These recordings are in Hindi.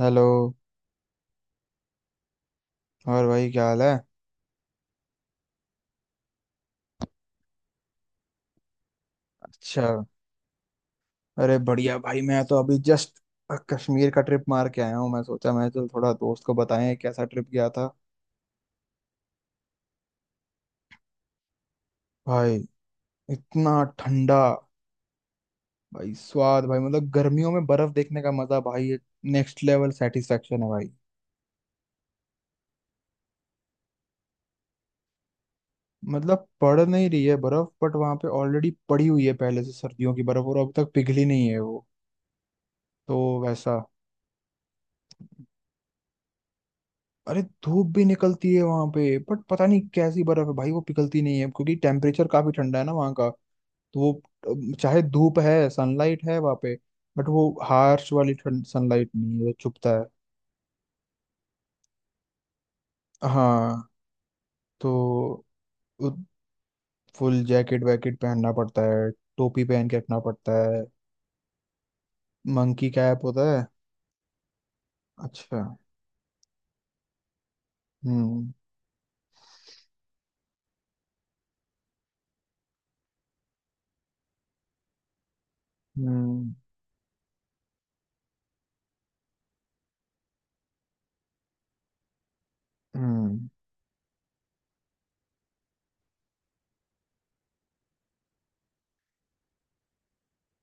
हेलो। और भाई क्या हाल है? अच्छा। अरे बढ़िया भाई, मैं तो अभी जस्ट कश्मीर का ट्रिप मार के आया हूँ। मैं सोचा मैं चल थोड़ा दोस्त को बताएं कैसा ट्रिप गया था। भाई इतना ठंडा भाई स्वाद भाई, मतलब गर्मियों में बर्फ देखने का मजा भाई, ये नेक्स्ट लेवल सेटिस्फेक्शन है भाई। मतलब पड़ नहीं रही है बर्फ बट वहां पे ऑलरेडी पड़ी हुई है पहले से सर्दियों की बर्फ, और अब तक पिघली नहीं है वो। तो वैसा। अरे धूप भी निकलती है वहां पे बट पता नहीं कैसी बर्फ है भाई, वो पिघलती नहीं है क्योंकि टेम्परेचर काफी ठंडा है ना वहाँ का। तो वो चाहे धूप है सनलाइट है वहाँ पे, बट वो हार्श वाली ठंड सनलाइट नहीं है, वो चुभता है। हाँ, तो फुल जैकेट वैकेट पहनना पड़ता है। टोपी पहन के रखना पड़ता है। मंकी कैप होता है। अच्छा। हम्म। हम्म। हम्म।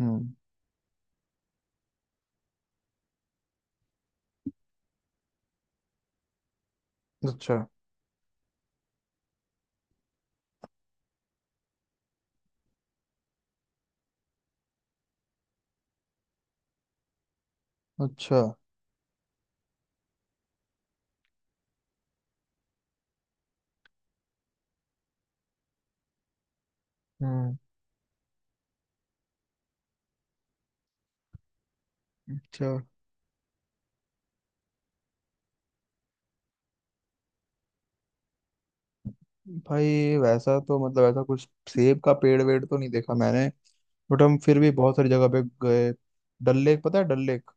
हम्म। अच्छा। अच्छा। हम्म। अच्छा। भाई वैसा तो मतलब ऐसा कुछ सेब का पेड़ वेड़ तो नहीं देखा मैंने। बट हम फिर भी बहुत सारी जगह पे गए। डल लेक पता है? डल लेक?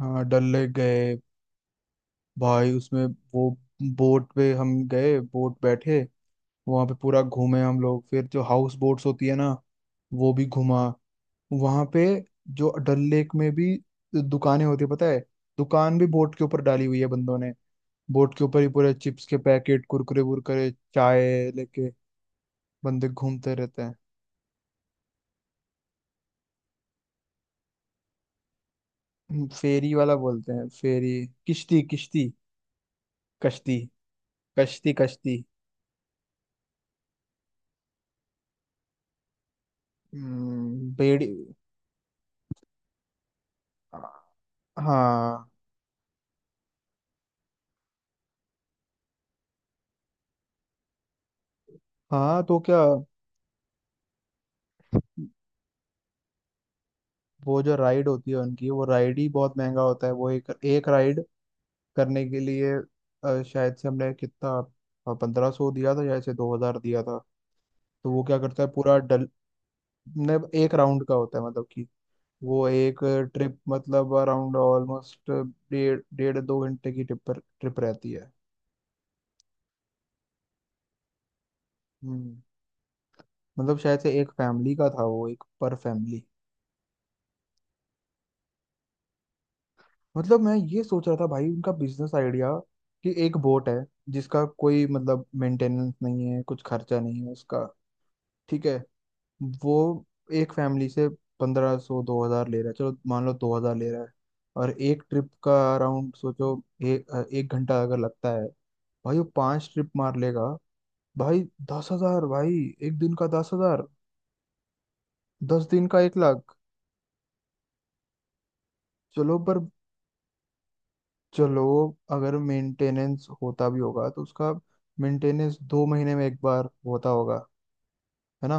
हाँ, डल लेक गए। भाई उसमें वो बोट पे हम गए, बोट बैठे, वहां पे पूरा घूमे हम लोग। फिर जो हाउस बोट्स होती है ना, वो भी घुमा वहां पे। जो डल लेक में भी दुकानें होती है पता है? दुकान भी बोट के ऊपर डाली हुई है बंदों ने। बोट के ऊपर ही पूरे चिप्स के पैकेट कुरकुरे वुरकुरे चाय लेके बंदे घूमते रहते हैं। फेरी वाला बोलते हैं, फेरी, किश्ती किश्ती। कश्ती कश्ती कश्ती। बेड़ी। हाँ हाँ तो क्या। वो जो राइड होती है उनकी, वो राइड ही बहुत महंगा होता है वो, एक एक राइड करने के लिए शायद से हमने कितना 1500 दिया था या से 2000 दिया था। तो वो क्या करता है पूरा डल ने, एक राउंड का होता है, मतलब कि वो एक ट्रिप, मतलब अराउंड ऑलमोस्ट डेढ़ डेढ़ दो घंटे की ट्रिप, पर ट्रिप रहती है। हम्म, मतलब शायद से एक फैमिली का था वो, एक पर फैमिली। मतलब मैं ये सोच रहा था भाई उनका बिजनेस आइडिया, कि एक बोट है जिसका कोई मतलब मेंटेनेंस नहीं है, कुछ खर्चा नहीं है उसका। ठीक है। वो एक फैमिली से 1500 2000 ले रहा है, चलो मान लो 2000 ले रहा है, और एक ट्रिप का अराउंड सोचो एक एक घंटा अगर लगता है, भाई वो पांच ट्रिप मार लेगा भाई। 10,000 भाई, एक दिन का 10,000, 10 दिन का एक लाख। चलो पर, चलो अगर मेंटेनेंस होता भी होगा तो उसका मेंटेनेंस 2 महीने में एक बार होता होगा, है ना।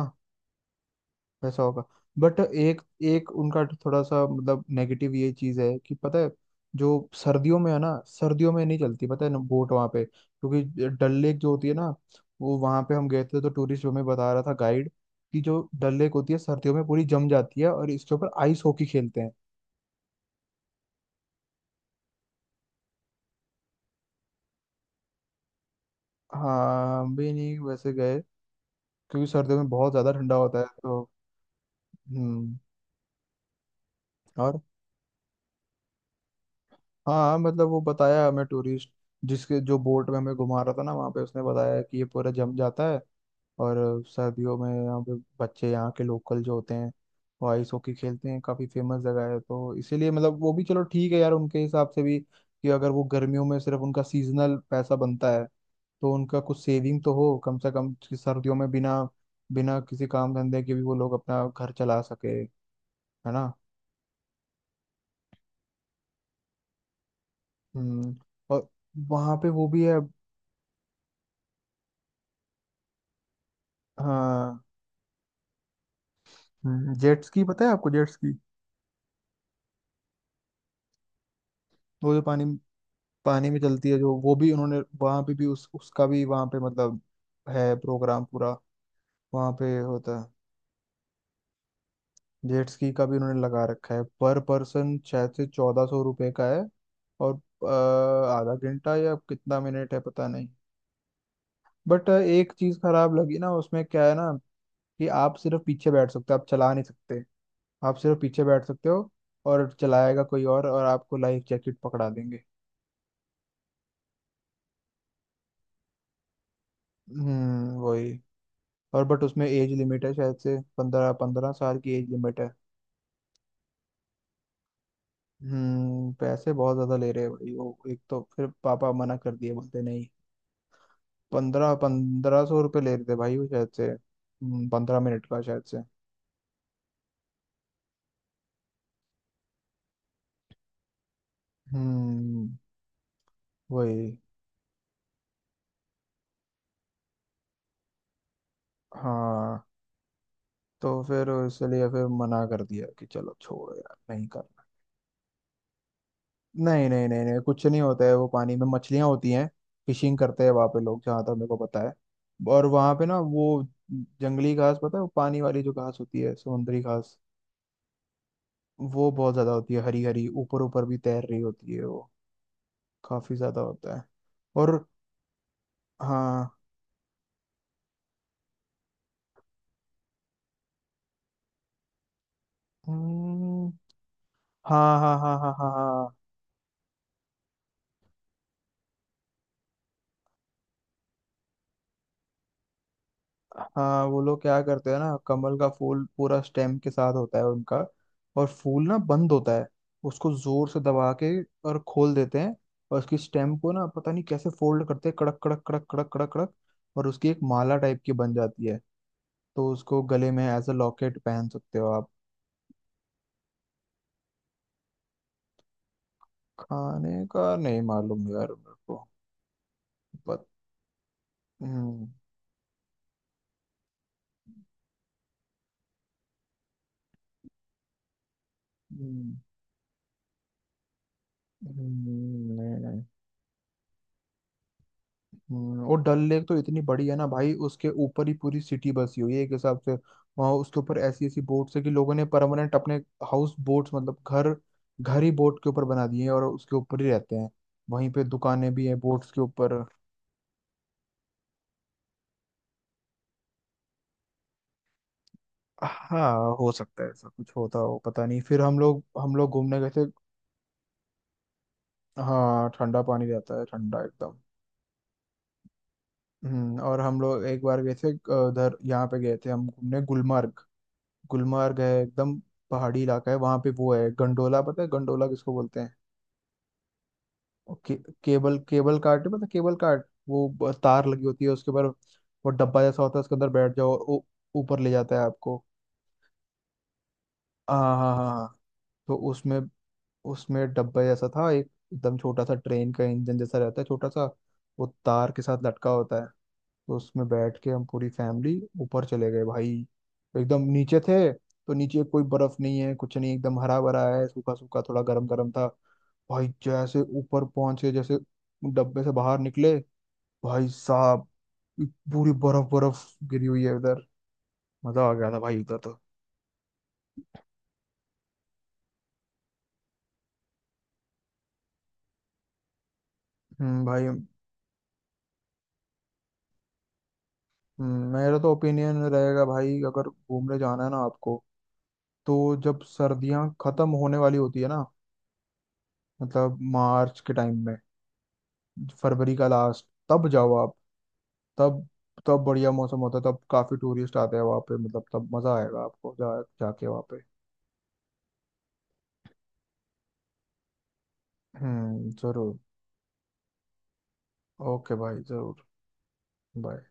वैसा होगा। बट एक एक उनका थोड़ा सा मतलब नेगेटिव ये चीज है कि पता है, जो सर्दियों में है ना, सर्दियों में नहीं चलती पता है ना बोट वहाँ पे, क्योंकि डल लेक जो होती है ना, वो वहाँ पे हम गए थे तो टूरिस्ट हमें बता रहा था गाइड, कि जो डल लेक होती है सर्दियों में पूरी जम जाती है और इसके ऊपर आइस हॉकी खेलते हैं। हाँ, हम भी नहीं वैसे गए क्योंकि सर्दियों में बहुत ज्यादा ठंडा होता है तो। हम्म। और हाँ हाँ, मतलब वो बताया हमें टूरिस्ट, जिसके जो बोट में हमें घुमा रहा था ना वहाँ पे, उसने बताया कि ये पूरा जम जाता है, और सर्दियों में यहाँ पे बच्चे, यहाँ के लोकल जो होते हैं, वो आइस हॉकी खेलते हैं। काफी फेमस जगह है तो इसीलिए मतलब वो भी, चलो ठीक है यार, उनके हिसाब से भी कि अगर वो गर्मियों में सिर्फ उनका सीजनल पैसा बनता है तो उनका कुछ सेविंग तो हो कम से कम, कि सर्दियों में बिना बिना किसी काम धंधे के भी वो लोग अपना घर चला सके, है ना। हम्म। और वहाँ पे वो भी है। हाँ। जेट्स की पता है आपको, जेट्स की? वो जो पानी पानी में चलती है जो, वो भी उन्होंने वहां पे भी उस उसका भी वहां पे मतलब है प्रोग्राम पूरा वहां पे होता है। जेट स्की का भी उन्होंने लगा रखा है, पर पर्सन शायद से 1400 रुपये का है। और अ, आधा घंटा या कितना मिनट है पता नहीं। बट एक चीज खराब लगी ना उसमें, क्या है ना, कि आप सिर्फ पीछे बैठ सकते हो, आप चला नहीं सकते। आप सिर्फ पीछे बैठ सकते हो, और चलाएगा कोई और आपको लाइफ जैकेट पकड़ा देंगे। वही। और बट उसमें एज लिमिट है, शायद से पंद्रह 15 साल की एज लिमिट है। पैसे बहुत ज्यादा ले रहे हैं भाई वो, एक तो फिर पापा मना कर दिए बोलते नहीं। पंद्रह 1500 रुपये ले रहे थे भाई वो, शायद से 15 मिनट का शायद से। हम्म वही। हाँ तो फिर इसलिए फिर मना कर दिया कि चलो छोड़ो यार नहीं कर। नहीं नहीं नहीं नहीं, कुछ नहीं होता है, वो पानी में मछलियां होती हैं, फिशिंग करते हैं वहां पे लोग जहाँ तक मेरे को पता है। और वहां पे ना वो जंगली घास, पता है वो पानी वाली जो घास होती है, समुद्री घास। वो बहुत ज्यादा होती है, हरी हरी, ऊपर ऊपर भी तैर रही होती है वो, काफी ज्यादा होता है। और हाँ। हम्म, हाँ हाँ हाँ हाँ हाँ हाँ हाँ। हाँ, वो लोग क्या करते हैं ना, कमल का फूल पूरा स्टेम के साथ होता है उनका, और फूल ना बंद होता है, उसको जोर से दबा के और खोल देते हैं, और उसकी स्टेम को ना पता नहीं कैसे फोल्ड करते हैं, कड़क कड़क कड़क कड़क कड़क कड़क, और उसकी एक माला टाइप की बन जाती है। तो उसको गले में एज अ लॉकेट पहन सकते हो आप। खाने का नहीं मालूम यार मेरे को। बट हम्म। हम्म, नहीं, नहीं। और डल लेक तो इतनी बड़ी है ना भाई, उसके ऊपर ही पूरी सिटी बसी हुई है एक हिसाब से। वहाँ उसके ऊपर ऐसी ऐसी बोट्स है कि लोगों ने परमानेंट अपने हाउस बोट्स, मतलब घर, घर ही बोट के ऊपर बना दिए हैं, और उसके ऊपर ही रहते हैं। वहीं पे दुकानें भी हैं बोट्स के ऊपर। हाँ, हो सकता है ऐसा कुछ होता हो पता नहीं, फिर हम लोग घूमने गए थे। हाँ ठंडा पानी रहता है, ठंडा एकदम। और हम लोग एक बार गए थे उधर, यहाँ पे गए थे हम घूमने, गुलमर्ग। गुलमर्ग है एकदम पहाड़ी इलाका है, वहां पे वो है गंडोला, पता है गंडोला किसको बोलते हैं? और के, केबल केबल कार्ट है, पता है केबल कार्ट? वो तार लगी होती है उसके ऊपर, वो डब्बा जैसा होता है, उसके अंदर बैठ जाओ और वो ऊपर ले जाता है आपको। हाँ हाँ हाँ हाँ। हाँ, तो उसमें उसमें डब्बा जैसा था एक, एकदम छोटा सा ट्रेन का इंजन जैसा रहता है छोटा सा, वो तार के साथ लटका होता है। तो उसमें बैठ के हम पूरी फैमिली ऊपर चले गए भाई। एकदम नीचे थे तो नीचे कोई बर्फ नहीं है, कुछ नहीं, एकदम हरा भरा है, सूखा सूखा थोड़ा गर्म गर्म था भाई। जैसे ऊपर पहुंचे, जैसे डब्बे से बाहर निकले, भाई साहब पूरी बर्फ बर्फ गिरी हुई है उधर। मजा आ गया था भाई उधर तो। भाई। मेरा तो ओपिनियन रहेगा भाई, अगर घूमने जाना है ना आपको, तो जब सर्दियां खत्म होने वाली होती है ना, मतलब मार्च के टाइम में, फरवरी का लास्ट, तब जाओ आप। तब तब बढ़िया मौसम होता है, तब काफी टूरिस्ट आते हैं वहाँ पे, मतलब तब मजा आएगा आपको जा जाके वहाँ पे। जरूर। ओके भाई जरूर। बाय।